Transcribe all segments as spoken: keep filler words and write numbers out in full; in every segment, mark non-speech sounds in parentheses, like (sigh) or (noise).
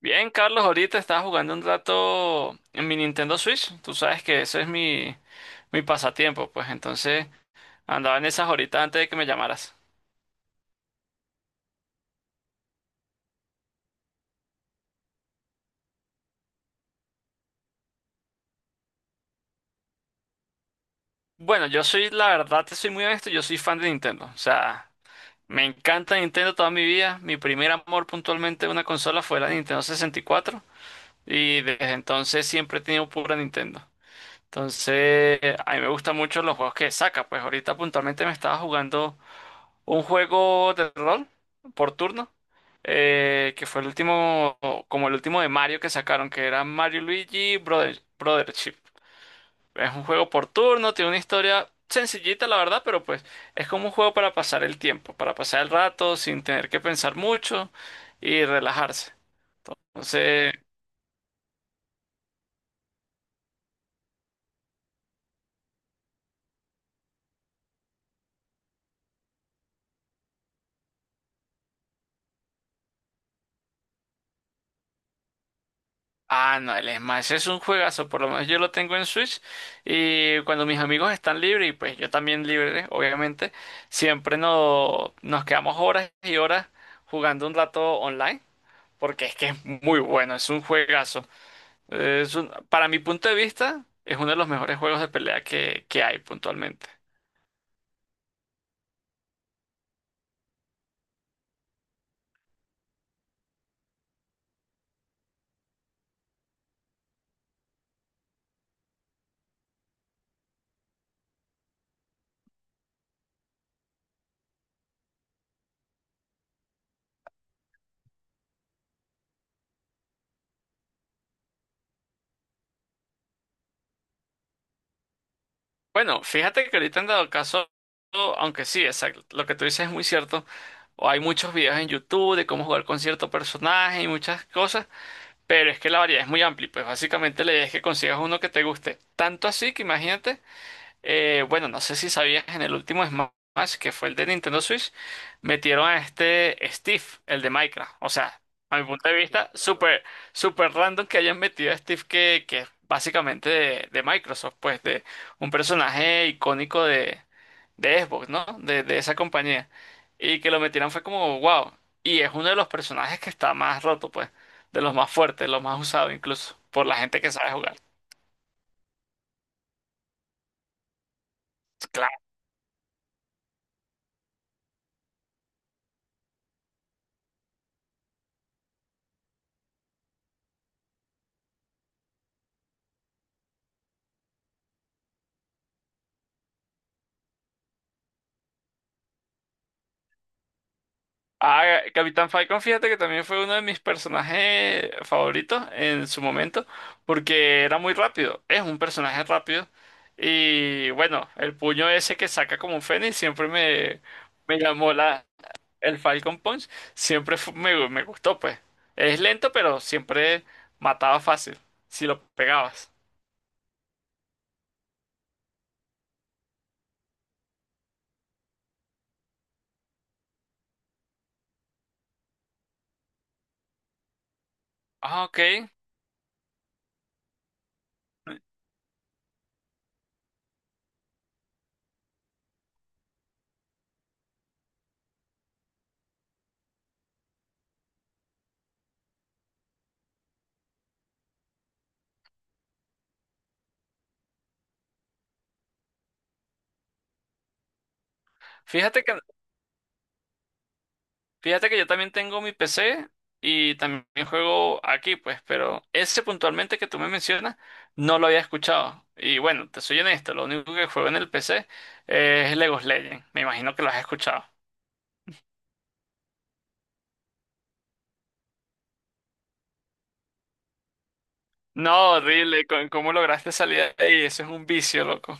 Bien, Carlos, ahorita estaba jugando un rato en mi Nintendo Switch. Tú sabes que eso es mi, mi pasatiempo, pues entonces andaba en esas horitas antes de que me llamaras. Bueno, yo soy, la verdad, te soy muy honesto, yo soy fan de Nintendo. O sea, me encanta Nintendo toda mi vida. Mi primer amor puntualmente de una consola fue la Nintendo sesenta y cuatro y cuatro y desde entonces siempre he tenido pura Nintendo. Entonces, a mí me gustan mucho los juegos que saca. Pues ahorita puntualmente me estaba jugando un juego de rol por turno, eh, que fue el último, como el último de Mario que sacaron, que era Mario y Luigi Brother, Brothership. Es un juego por turno, tiene una historia sencillita, la verdad, pero pues es como un juego para pasar el tiempo, para pasar el rato sin tener que pensar mucho y relajarse. Entonces, ah, no, el Smash es un juegazo, por lo menos yo lo tengo en Switch y cuando mis amigos están libres y pues yo también libre, obviamente, siempre no- nos quedamos horas y horas jugando un rato online porque es que es muy bueno, es un juegazo. Es un- para mi punto de vista, es uno de los mejores juegos de pelea que, que hay puntualmente. Bueno, fíjate que ahorita han dado caso, aunque sí, exacto, lo que tú dices es muy cierto. O hay muchos videos en YouTube de cómo jugar con cierto personaje y muchas cosas. Pero es que la variedad es muy amplia, y pues básicamente la idea es que consigas uno que te guste. Tanto así que imagínate, eh, bueno, no sé si sabías, en el último Smash, que fue el de Nintendo Switch, metieron a este Steve, el de Minecraft. O sea, a mi punto de vista, súper, súper random que hayan metido a Steve, que, que es básicamente de, de Microsoft, pues de un personaje icónico de, de Xbox, ¿no? De, de esa compañía. Y que lo metieran fue como, wow. Y es uno de los personajes que está más roto, pues. De los más fuertes, los más usados incluso. Por la gente que sabe jugar. Claro. Ah, Capitán Falcon, fíjate que también fue uno de mis personajes favoritos en su momento. Porque era muy rápido. Es un personaje rápido. Y bueno, el puño ese que saca como un fénix siempre me, me llamó la, el Falcon Punch. Siempre fu- me, me gustó, pues. Es lento, pero siempre mataba fácil. Si lo pegabas. Ah, ok. Fíjate que, fíjate que yo también tengo mi P C y también juego aquí, pues, pero ese puntualmente que tú me mencionas no lo había escuchado. Y bueno, te soy honesto, lo único que juego en el P C es League of Legends. Me imagino que lo has escuchado. No, horrible, con- ¿cómo lograste salir de ahí? Eso es un vicio, loco.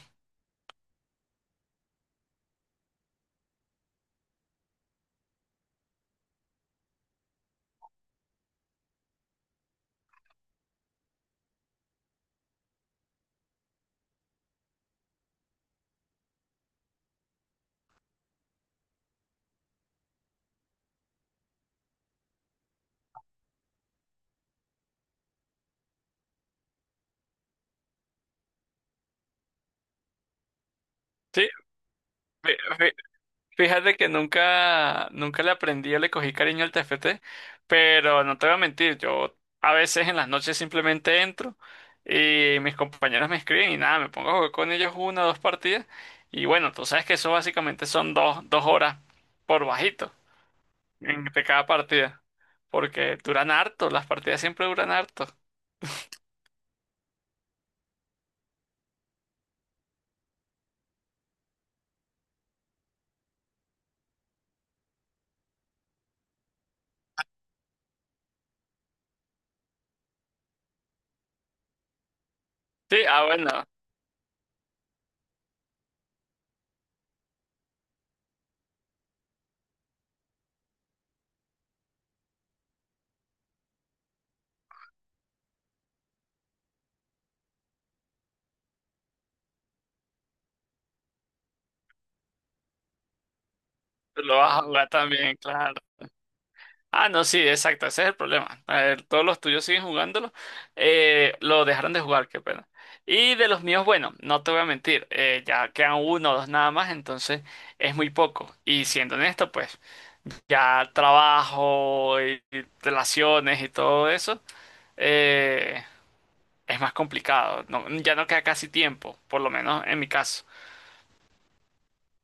Sí, fíjate que nunca, nunca le aprendí o le cogí cariño al T F T, pero no te voy a mentir, yo a veces en las noches simplemente entro y mis compañeros me escriben y nada, me pongo a jugar con ellos una o dos partidas y bueno, tú sabes que eso básicamente son dos, dos horas por bajito entre cada partida, porque duran harto, las partidas siempre duran harto. Sí, ah, bueno, tú lo vas a jugar también, claro. Ah, no, sí, exacto, ese es el problema. A ver, todos los tuyos siguen jugándolo. Eh, lo dejaron de jugar, qué pena. Y de los míos, bueno, no te voy a mentir, eh, ya quedan uno o dos nada más, entonces es muy poco. Y siendo honesto, pues ya trabajo y y relaciones y todo eso, eh, es más complicado. No- ya no queda casi tiempo, por lo menos en mi caso.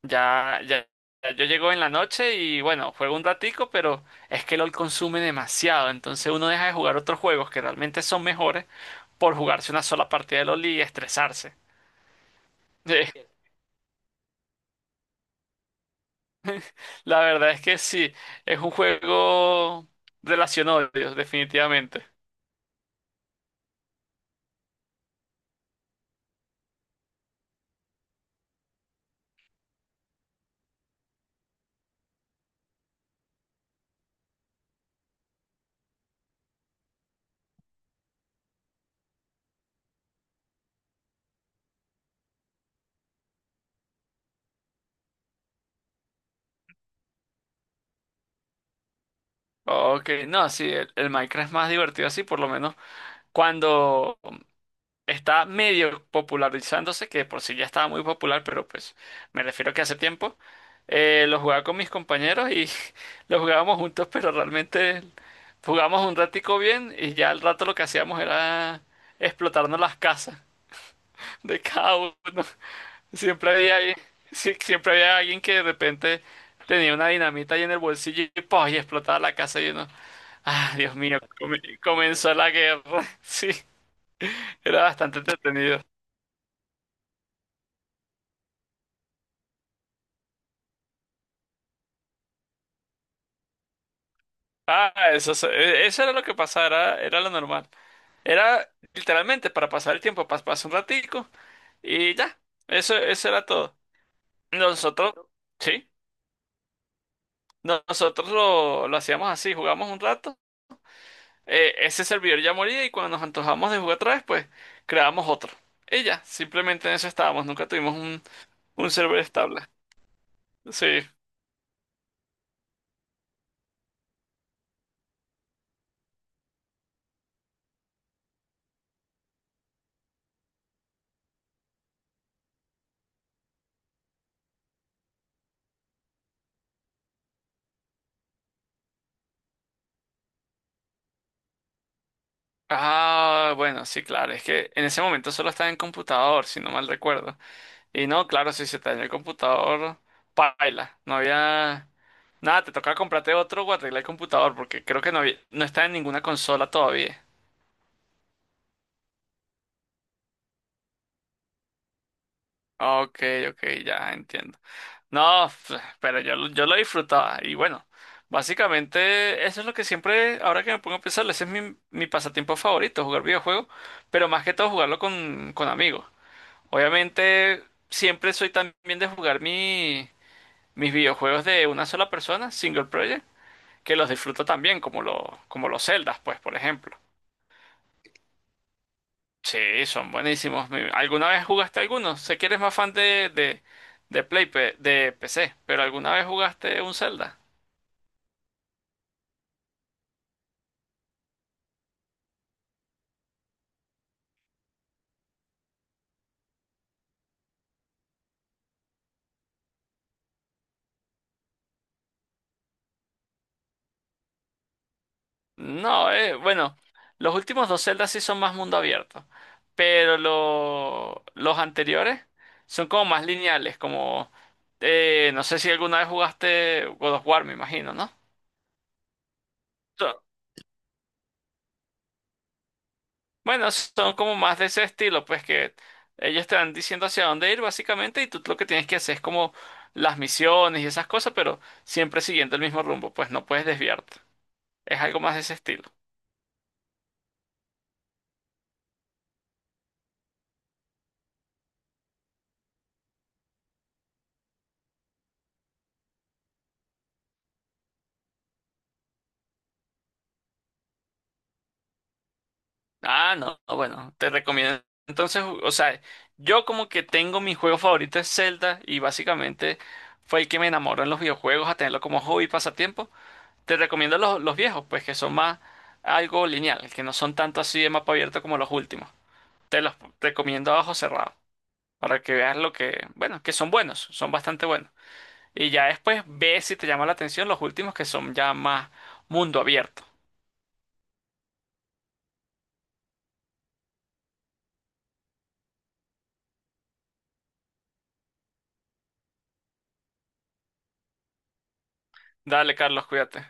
Ya, ya, ya, yo llego en la noche y bueno, juego un ratico, pero es que LOL consume demasiado, entonces uno deja de jugar otros juegos que realmente son mejores por jugarse una sola partida de LOL y estresarse. (laughs) La verdad es que sí, es un juego relación odios, definitivamente. Ok, no, sí, el, el Minecraft es más divertido así, por lo menos cuando está medio popularizándose, que de por sí ya estaba muy popular, pero pues me refiero que hace tiempo eh, lo jugaba con mis compañeros y (laughs) lo jugábamos juntos, pero realmente jugábamos un ratico bien y ya al rato lo que hacíamos era explotarnos las casas (laughs) de cada uno. Siempre había, alguien- sí, siempre había alguien que de repente tenía una dinamita ahí en el bolsillo y, ¡pah!, y explotaba la casa y uno, ah, Dios mío, come- comenzó la guerra. (laughs) Sí, era bastante entretenido. Ah, eso, es- e- eso era lo que pasaba, era, era lo normal. Era literalmente para pasar el tiempo, pas- pasar un ratico y ya. Eso, eso era todo. Nosotros, sí, nosotros lo, lo hacíamos así, jugamos un rato, eh, ese servidor ya moría y cuando nos antojamos de jugar otra vez, pues creamos otro. Y ya, simplemente en eso estábamos, nunca tuvimos un, un server estable. Sí. Ah, bueno, sí, claro, es que en ese momento solo estaba en computador, si no mal recuerdo. Y no, claro, si se te dañó el computador, paila. No había. Nada, te toca comprarte otro o arreglar el computador porque creo que no había. No está en ninguna consola todavía. Ok, ok, ya entiendo. No, f- pero yo, lo- yo lo disfrutaba. Y bueno, básicamente eso es lo que siempre, ahora que me pongo a pensar, ese es mi, mi pasatiempo favorito, jugar videojuegos, pero más que todo jugarlo con, con amigos. Obviamente, siempre soy también de jugar mi, mis videojuegos de una sola persona, single player, que los disfruto también, como, los como los Zeldas, pues, por ejemplo. Sí, son buenísimos. Mi- ¿Alguna vez jugaste alguno? Sé que eres más fan de, de, de Play, pe- de P C, pero ¿alguna vez jugaste un Zelda? No, eh, bueno, los últimos dos Zeldas sí son más mundo abierto, pero lo- los anteriores son como más lineales, como, eh, no sé si alguna vez jugaste God of War, me imagino, ¿no? Bueno, son como más de ese estilo, pues que ellos te van diciendo hacia dónde ir básicamente y tú lo que tienes que hacer es como las misiones y esas cosas, pero siempre siguiendo el mismo rumbo, pues no puedes desviarte. Es algo más de ese estilo. Ah, no, no, bueno, te recomiendo. Entonces, o sea, yo como que tengo mi juego favorito es Zelda y básicamente fue el que me enamoró en los videojuegos a tenerlo como hobby y pasatiempo. Te recomiendo los, los viejos, pues que son más algo lineal, que no son tanto así de mapa abierto como los últimos. Te los recomiendo a ojo cerrado para que veas lo que, bueno, que son buenos, son bastante buenos. Y ya después ve si te llama la atención los últimos que son ya más mundo abierto. Dale, Carlos, cuídate.